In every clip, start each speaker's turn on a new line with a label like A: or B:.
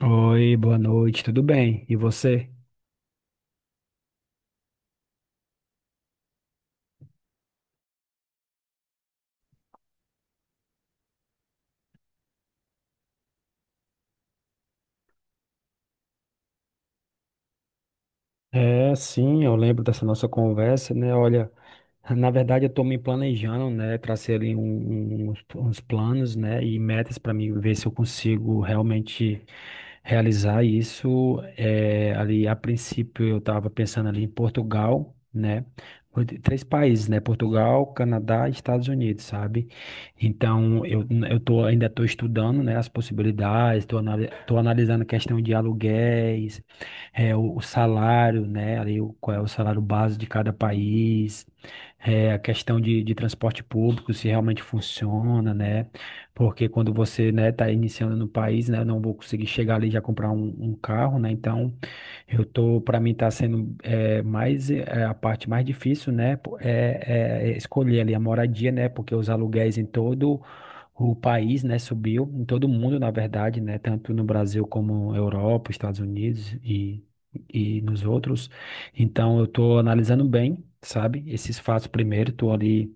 A: Oi, boa noite, tudo bem? E você? Sim, eu lembro dessa nossa conversa, né? Olha. Na verdade, eu estou me planejando, né? Tracei ali uns planos, né? E metas para mim ver se eu consigo realmente realizar isso. Ali, a princípio, eu estava pensando ali em Portugal, né? Foi três países, né? Portugal, Canadá e Estados Unidos, sabe? Então, eu tô, ainda estou estudando, né? As possibilidades, estou anali tô analisando a questão de aluguéis, o salário, né? Ali, qual é o salário base de cada país. A questão de transporte público, se realmente funciona, né? Porque quando você, né, tá iniciando no país, né, eu não vou conseguir chegar ali e já comprar um carro, né? Então, para mim tá sendo mais, a parte mais difícil, né? É escolher ali a moradia, né? Porque os aluguéis em todo o país, né, subiu, em todo mundo, na verdade, né? Tanto no Brasil como Europa, Estados Unidos e nos outros. Então, eu estou analisando bem, sabe, esses fatos primeiro, estou ali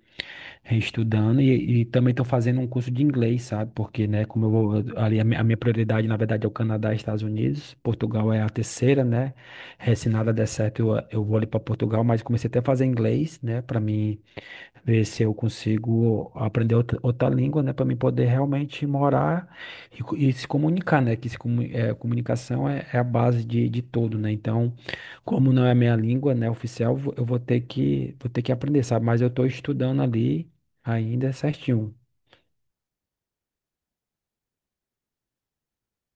A: reestudando e também estou fazendo um curso de inglês, sabe, porque, né, como eu vou, ali a minha prioridade, na verdade, é o Canadá e Estados Unidos. Portugal é a terceira, né? Se nada der certo, eu vou ali para Portugal, mas comecei até a fazer inglês, né, para mim ver se eu consigo aprender outra língua, né, para mim poder realmente morar e se comunicar, né, que se, comu- é, comunicação é a base de tudo, né. Então, como não é a minha língua, né, oficial, eu vou ter que aprender, sabe, mas eu estou estudando ali ainda certinho.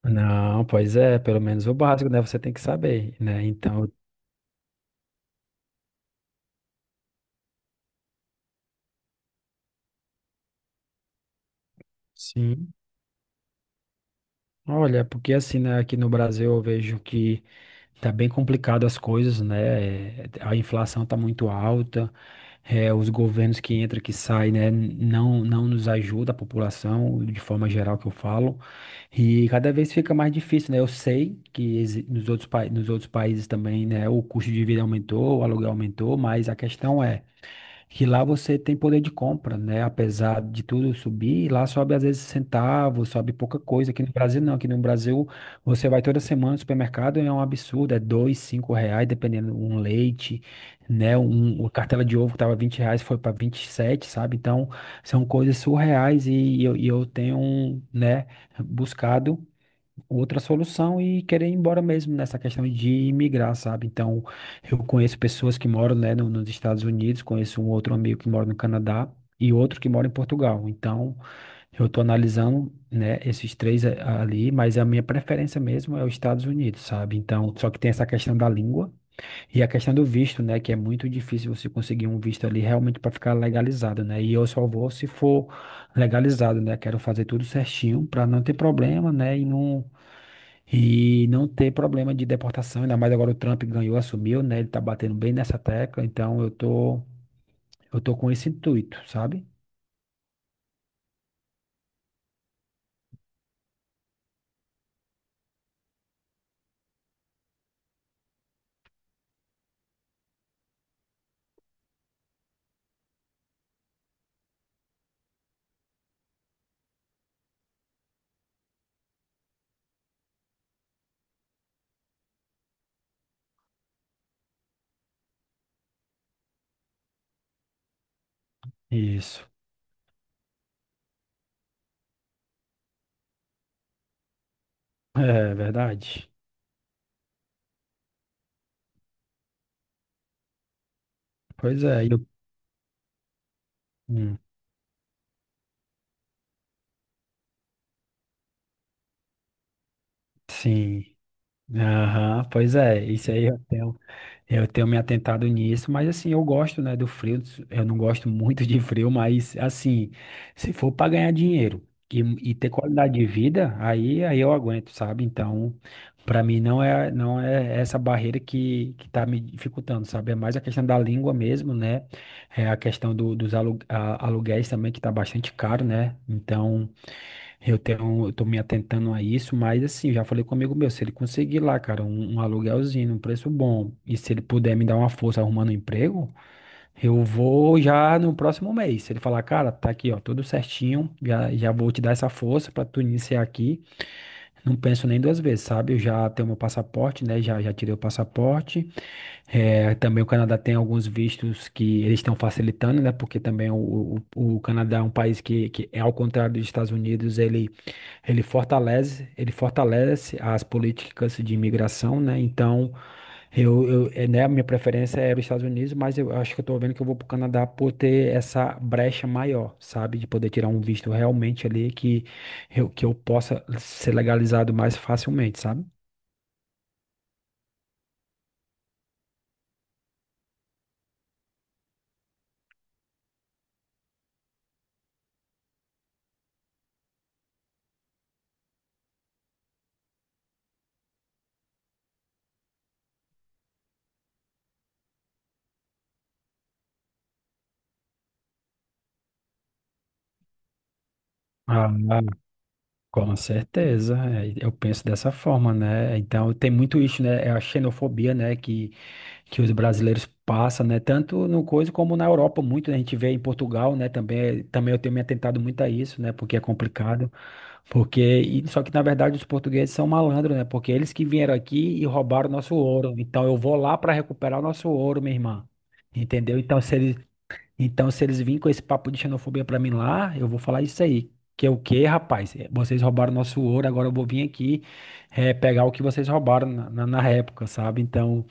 A: Não, pois é, pelo menos o básico, né, você tem que saber, né, então. Sim. Olha, porque assim, né, aqui no Brasil eu vejo que tá bem complicado as coisas, né? A inflação tá muito alta. Os governos que entram, que saem, né, não nos ajuda a população, de forma geral que eu falo, e cada vez fica mais difícil, né? Eu sei que nos outros países também, né, o custo de vida aumentou, o aluguel aumentou, mas a questão é que lá você tem poder de compra, né? Apesar de tudo subir, lá sobe às vezes centavos, sobe pouca coisa. Aqui no Brasil não, aqui no Brasil você vai toda semana no supermercado e é um absurdo, é dois, cinco reais, dependendo um leite, né? Uma cartela de ovo que tava R$ 20 foi para 27, sabe? Então são coisas surreais, e eu tenho, né, buscado outra solução e querer ir embora mesmo nessa questão de imigrar, sabe? Então, eu conheço pessoas que moram, né, nos Estados Unidos, conheço um outro amigo que mora no Canadá e outro que mora em Portugal. Então, eu estou analisando, né, esses três ali, mas a minha preferência mesmo é os Estados Unidos, sabe? Então, só que tem essa questão da língua e a questão do visto, né, que é muito difícil você conseguir um visto ali realmente para ficar legalizado, né? E eu só vou se for legalizado, né? Quero fazer tudo certinho para não ter problema, né? E não ter problema de deportação, ainda mais agora o Trump ganhou, assumiu, né? Ele tá batendo bem nessa tecla, então eu tô com esse intuito, sabe? Isso. É verdade. Pois é, eu, hum, sim. Aham, pois é, isso aí eu tenho me atentado nisso, mas assim, eu gosto, né, do frio, eu não gosto muito de frio, mas assim, se for para ganhar dinheiro e, e ter qualidade de vida, aí eu aguento, sabe? Então, para mim não é essa barreira que tá me dificultando, sabe? É mais a questão da língua mesmo, né? É a questão aluguéis também, que tá bastante caro, né? Então, eu tô me atentando a isso, mas assim, já falei com um amigo meu, se ele conseguir lá, cara, um aluguelzinho, um preço bom, e se ele puder me dar uma força arrumando um emprego, eu vou já no próximo mês. Se ele falar, cara, tá aqui, ó, tudo certinho, já vou te dar essa força pra tu iniciar aqui. Não penso nem duas vezes, sabe? Eu já tenho meu passaporte, né? Já tirei o passaporte. É, também o Canadá tem alguns vistos que eles estão facilitando, né? Porque também o Canadá é um país que é ao contrário dos Estados Unidos. Ele fortalece as políticas de imigração, né? Então, né, a minha preferência era os Estados Unidos, mas eu acho que eu tô vendo que eu vou para o Canadá por ter essa brecha maior, sabe? De poder tirar um visto realmente ali que eu possa ser legalizado mais facilmente, sabe? Ah, com certeza, é, eu penso dessa forma, né? Então tem muito isso, né? É a xenofobia, né? Que os brasileiros passam, né? Tanto no coisa como na Europa, muito, né? A gente vê em Portugal, né? Também eu tenho me atentado muito a isso, né? Porque é complicado. Só que na verdade os portugueses são malandros, né? Porque eles que vieram aqui e roubaram nosso ouro. Então eu vou lá para recuperar o nosso ouro, minha irmã. Entendeu? Então, se eles virem com esse papo de xenofobia pra mim lá, eu vou falar isso aí. Que é o quê, rapaz? Vocês roubaram nosso ouro, agora eu vou vir aqui pegar o que vocês roubaram na época, sabe? Então,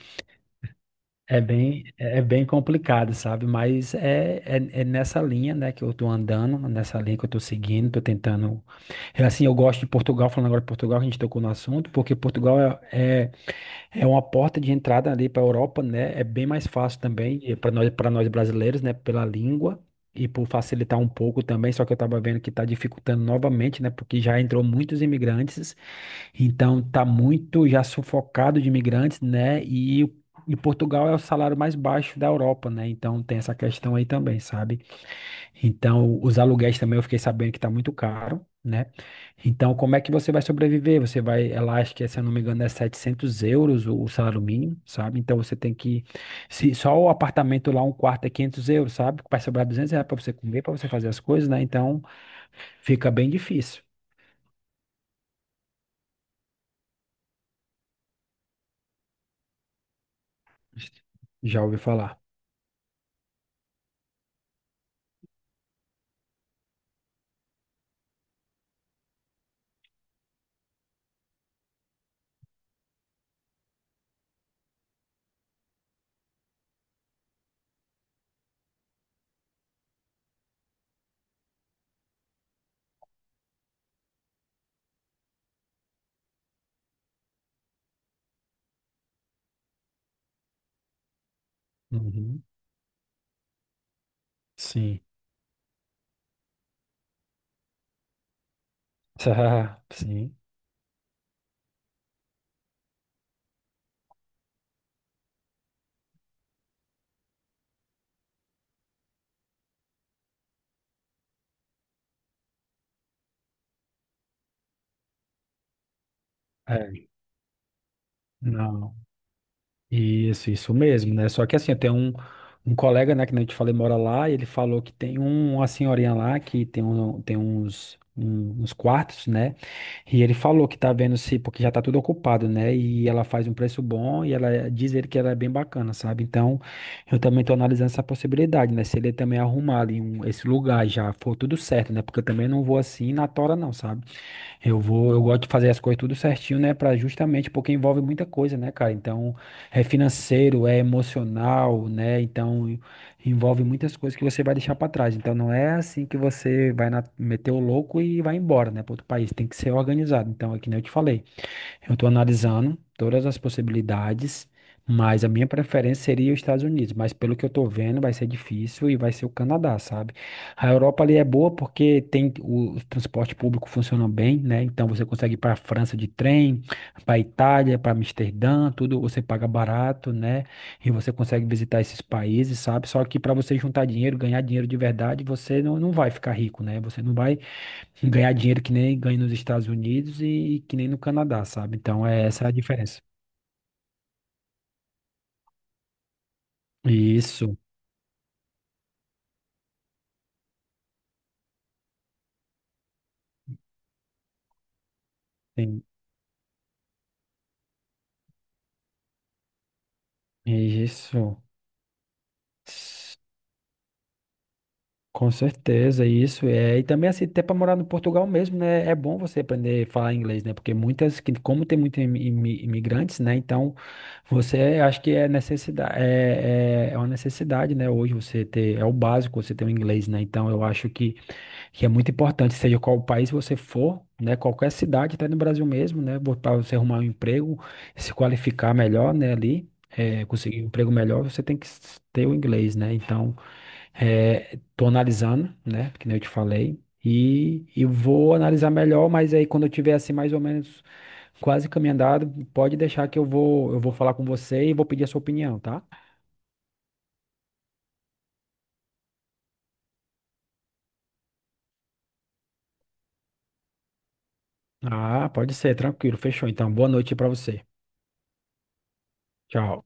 A: é bem, é é bem complicado, sabe? Mas é nessa linha, né, que eu tô andando, nessa linha que eu tô seguindo, tô tentando. Assim, eu gosto de Portugal, falando agora de Portugal, que a gente tocou no assunto, porque Portugal é uma porta de entrada ali para a Europa, né? É bem mais fácil também para nós brasileiros, né? Pela língua e por facilitar um pouco também. Só que eu estava vendo que está dificultando novamente, né? Porque já entrou muitos imigrantes, então tá muito já sufocado de imigrantes, né? E Portugal é o salário mais baixo da Europa, né? Então tem essa questão aí também, sabe? Então, os aluguéis também eu fiquei sabendo que está muito caro, né? Então, como é que você vai sobreviver? Ela acha que, se eu não me engano, é 700 euros o salário mínimo, sabe? Então, se só o apartamento lá, um quarto é 500 euros, sabe? Vai sobrar 200 reais para você comer, para você fazer as coisas, né? Então, fica bem difícil. Já ouvi falar. Uhum. Sim. Sim. É. Não. Isso mesmo, né? Só que assim, tem um colega, né, que nem eu te falei, mora lá, e ele falou que tem uma senhorinha lá que tem uns quartos, né? E ele falou que tá vendo se, porque já tá tudo ocupado, né? E ela faz um preço bom e ela diz ele que ela é bem bacana, sabe? Então, eu também tô analisando essa possibilidade, né? Se ele também arrumar ali esse lugar já for tudo certo, né? Porque eu também não vou assim na tora, não, sabe? Eu gosto de fazer as coisas tudo certinho, né? Para, justamente porque envolve muita coisa, né, cara? Então, é financeiro, é emocional, né? Então, envolve muitas coisas que você vai deixar para trás. Então, não é assim que você vai meter o louco e vai embora, né, para outro país. Tem que ser organizado. Então, é que nem eu te falei. Eu estou analisando todas as possibilidades, mas a minha preferência seria os Estados Unidos. Mas pelo que eu estou vendo, vai ser difícil e vai ser o Canadá, sabe? A Europa ali é boa porque tem o transporte público funciona bem, né? Então você consegue ir para a França de trem, para a Itália, para Amsterdã, tudo você paga barato, né? E você consegue visitar esses países, sabe? Só que para você juntar dinheiro, ganhar dinheiro de verdade, você não vai ficar rico, né? Você não vai ganhar dinheiro que nem ganha nos Estados Unidos e que nem no Canadá, sabe? Então, é essa a diferença. Isso, tem- isso, s- com certeza, isso é. E também, assim, até para morar no Portugal mesmo, né? É bom você aprender a falar inglês, né? Porque como tem muitos imigrantes, né? Então, você acho que é necessidade, é uma necessidade, né? Hoje você ter, é o básico você ter o inglês, né? Então, eu acho que é muito importante, seja qual país você for, né, qualquer cidade, até no Brasil mesmo, né, para você arrumar um emprego, se qualificar melhor, né, ali, conseguir um emprego melhor, você tem que ter o inglês, né, então. Tô analisando, né, que nem eu te falei, e vou analisar melhor, mas aí quando eu tiver, assim, mais ou menos quase caminho andado, pode deixar que eu vou falar com você e vou pedir a sua opinião, tá? Ah, pode ser, tranquilo, fechou, então, boa noite para você, tchau.